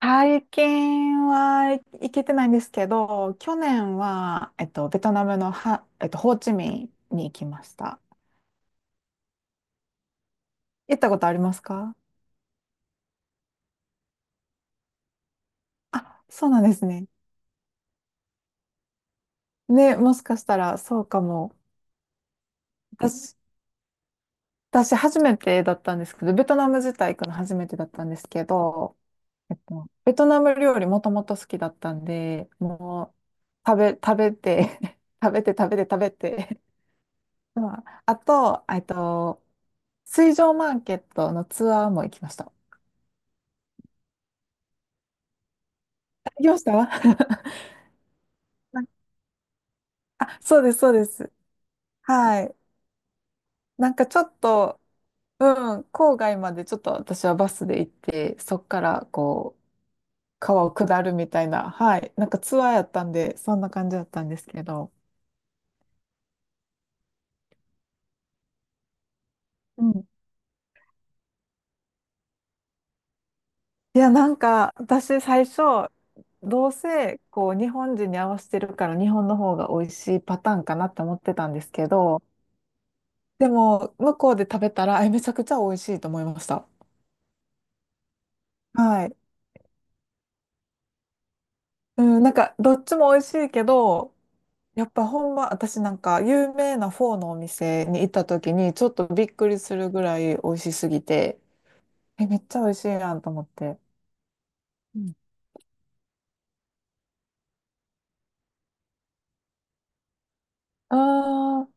最近は行けてないんですけど、去年は、ベトナムのハ、えっと、ホーチミンに行きました。行ったことありますか？あ、そうなんですね。ね、もしかしたらそうかも。私、私初めてだったんですけど、ベトナム自体行くの初めてだったんですけど、ベトナム料理もともと好きだったんで、もう食べ、食べて 食べて食べて食べて、まあ、あと、水上マーケットのツアーも行きました。行きました あ、そうです、そうです。はい。なんかちょっと、うん、郊外までちょっと私はバスで行って、そっからこう、川を下るみたいな、はい。なんかツアーやったんで、そんな感じだったんですけど。うん。いや、なんか私最初、どうせこう日本人に合わせてるから日本の方が美味しいパターンかなって思ってたんですけど、でも向こうで食べたら、えめちゃくちゃ美味しいと思いました。はい。うん、なんか、どっちも美味しいけど、やっぱほんま、私なんか、有名なフォーのお店に行った時に、ちょっとびっくりするぐらい美味しすぎて、え、めっちゃ美味しいやんと思って。うん。あー、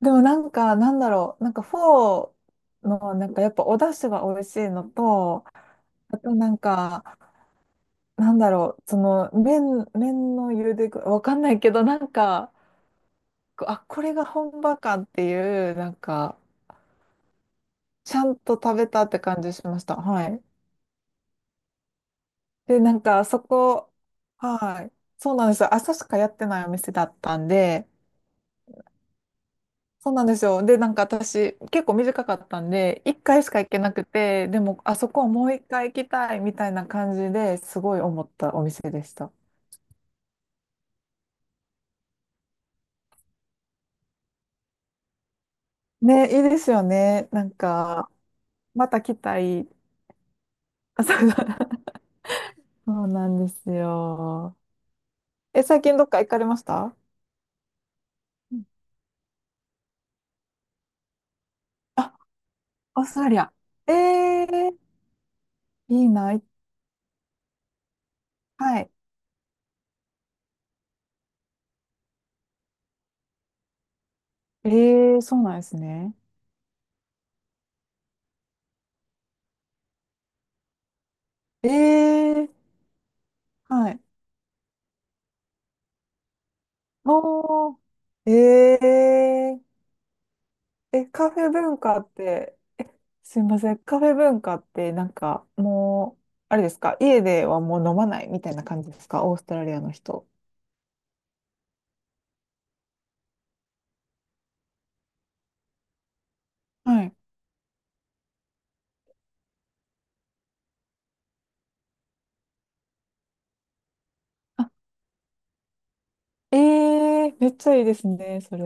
でもなんか、なんだろう、なんかフォーの、なんかやっぱお出汁が美味しいのと、あとなんか、なんだろう、その、麺の茹で具、わかんないけど、なんか、あ、これが本場かっていう、なんか、ちゃんと食べたって感じしました。はい。で、なんか、そこ、はい。そうなんですよ。朝しかやってないお店だったんで、そうなんですよ。で、なんか私、結構短かったんで、1回しか行けなくて、でも、あそこはもう1回行きたいみたいな感じですごい思ったお店でした。ね、いいですよね。なんか、また来たい。あそう そうなんですよ。え、最近どっか行かれました？うん。あ、オーストラリア。えー、いいな。はい。ええ、そうなんですね。ええ、はい。おー、え、え、え、カフェ文化って、すいません、カフェ文化ってなんかもう、あれですか、家ではもう飲まないみたいな感じですか、オーストラリアの人。はい。あ、え、えめっちゃいいですね、それ。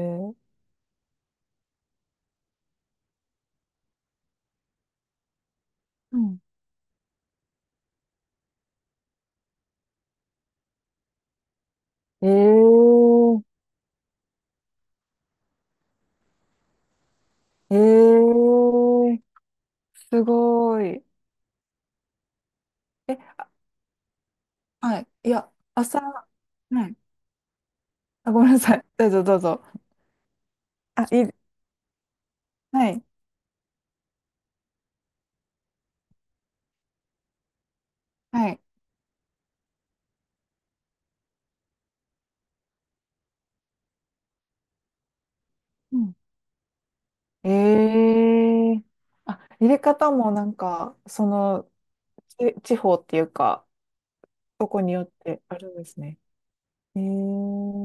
うん。ええ、ええ、すごい。え、あ、はい。いや、朝、はい。あ、ごめんなさい。どうぞどうぞ。あ、いい、はい、はい。うん、ええ、あ、入れ方もなんか、その、地方っていうか、どこによってあるんですね。ええ、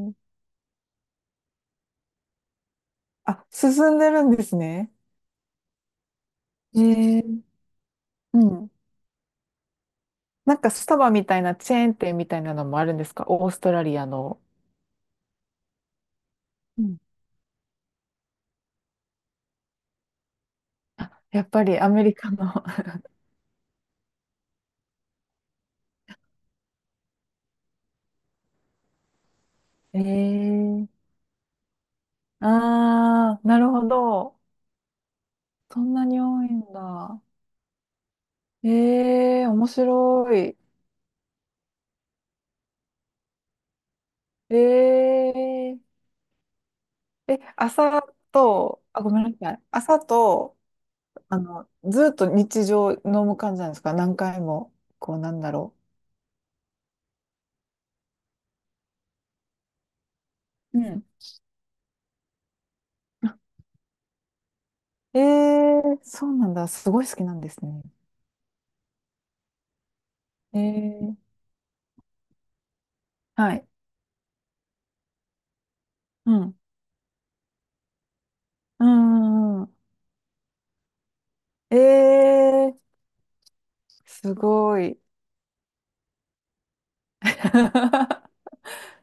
あ、進んでるんですね。ええ、うん。なんかスタバみたいなチェーン店みたいなのもあるんですか？オーストラリアの。うん。あ、やっぱりアメリカの。ええ、ああ、なるほど。そんなに多いんだ。ええ、面白い。え、え、え、朝と、あ、ごめんなさい。朝と、あの、ずっと日常飲む感じなんですか？何回も、こう、なんだろう。ん。うん。あ、えーそうなんだ。すごい好きなんですね。えー、はい。うん。うんうんうん。ええ、すごい。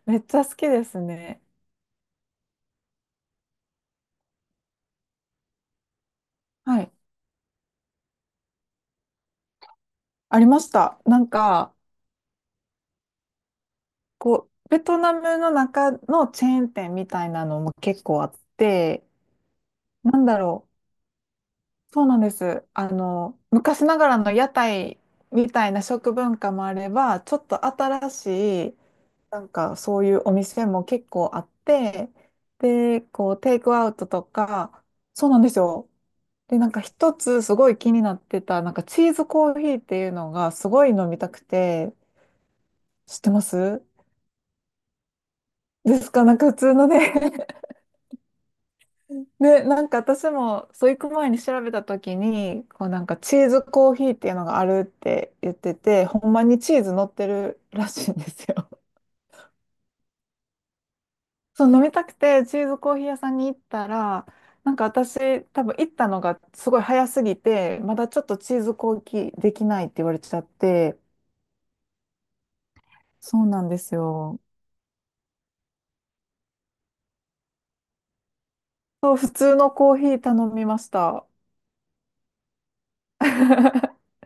めっちゃ好きですね。はい。ありました。なんか、こう、ベトナムの中のチェーン店みたいなのも結構あって、なんだろう。そうなんです。あの、昔ながらの屋台みたいな食文化もあれば、ちょっと新しい、なんかそういうお店も結構あって、で、こう、テイクアウトとか、そうなんですよ。で、なんか一つすごい気になってた、なんかチーズコーヒーっていうのがすごい飲みたくて、知ってますですか？なんか普通のね、で、なんか私も、そう行く前に調べた時に、こうなんかチーズコーヒーっていうのがあるって言ってて、ほんまにチーズ乗ってるらしいんですよ。そう、飲みたくてチーズコーヒー屋さんに行ったら、なんか私多分行ったのがすごい早すぎて、まだちょっとチーズコーヒーできないって言われちゃって、そうなんですよ。そう、普通のコーヒー頼みました。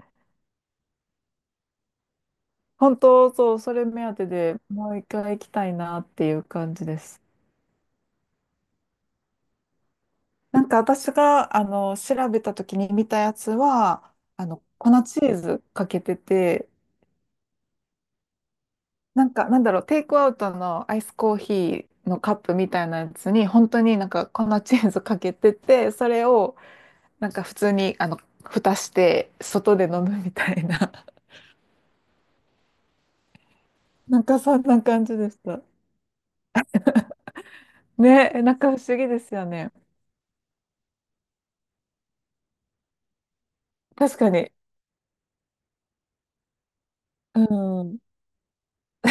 本当、そう、それ目当てでもう一回行きたいなっていう感じです。なんか私が、あの、調べた時に見たやつは、あの、粉チーズかけてて、なんか、なんだろう、テイクアウトのアイスコーヒーのカップみたいなやつに、本当になんか粉チーズかけてて、それを、なんか普通に、あの、蓋して、外で飲むみたいな。なんかそんな感じでした。ね、なんか不思議ですよね。確かに。うん。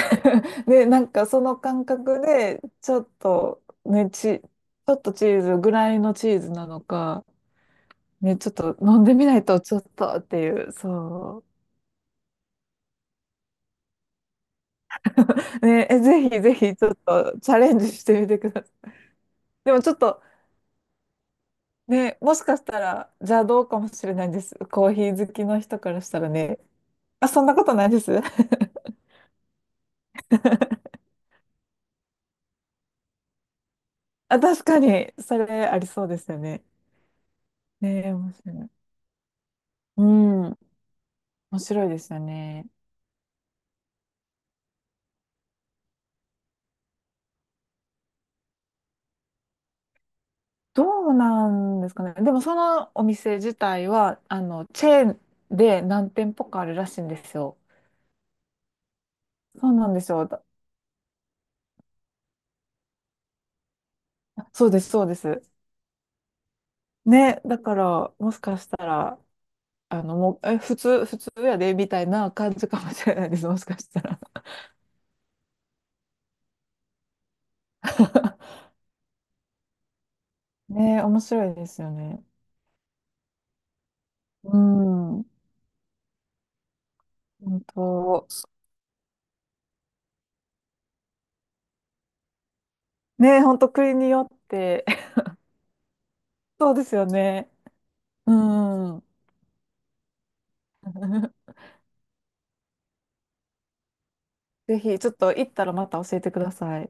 で、なんかその感覚で、ちょっとチーズぐらいのチーズなのか、ね、ちょっと飲んでみないとちょっとっていう、そう。ね、え、ぜひぜひちょっとチャレンジしてみてください。でもちょっとね、もしかしたら邪道かもしれないです。コーヒー好きの人からしたらね。あ、そんなことないです。あ、確かに、それありそうですよね。ねえ、面白い。うん、面白いですよね。どうなんですかね。でもそのお店自体は、あの、チェーンで何店舗かあるらしいんですよ。そうなんですよ。だそうです、そうです。ね、だから、もしかしたら、あの、もう、え、普通やで、みたいな感じかもしれないです、もしかしたら。ね、面白いですよね。うん、本当。ね、本当国によって、そうですよね。うん。ぜひ、ちょっと行ったらまた教えてください。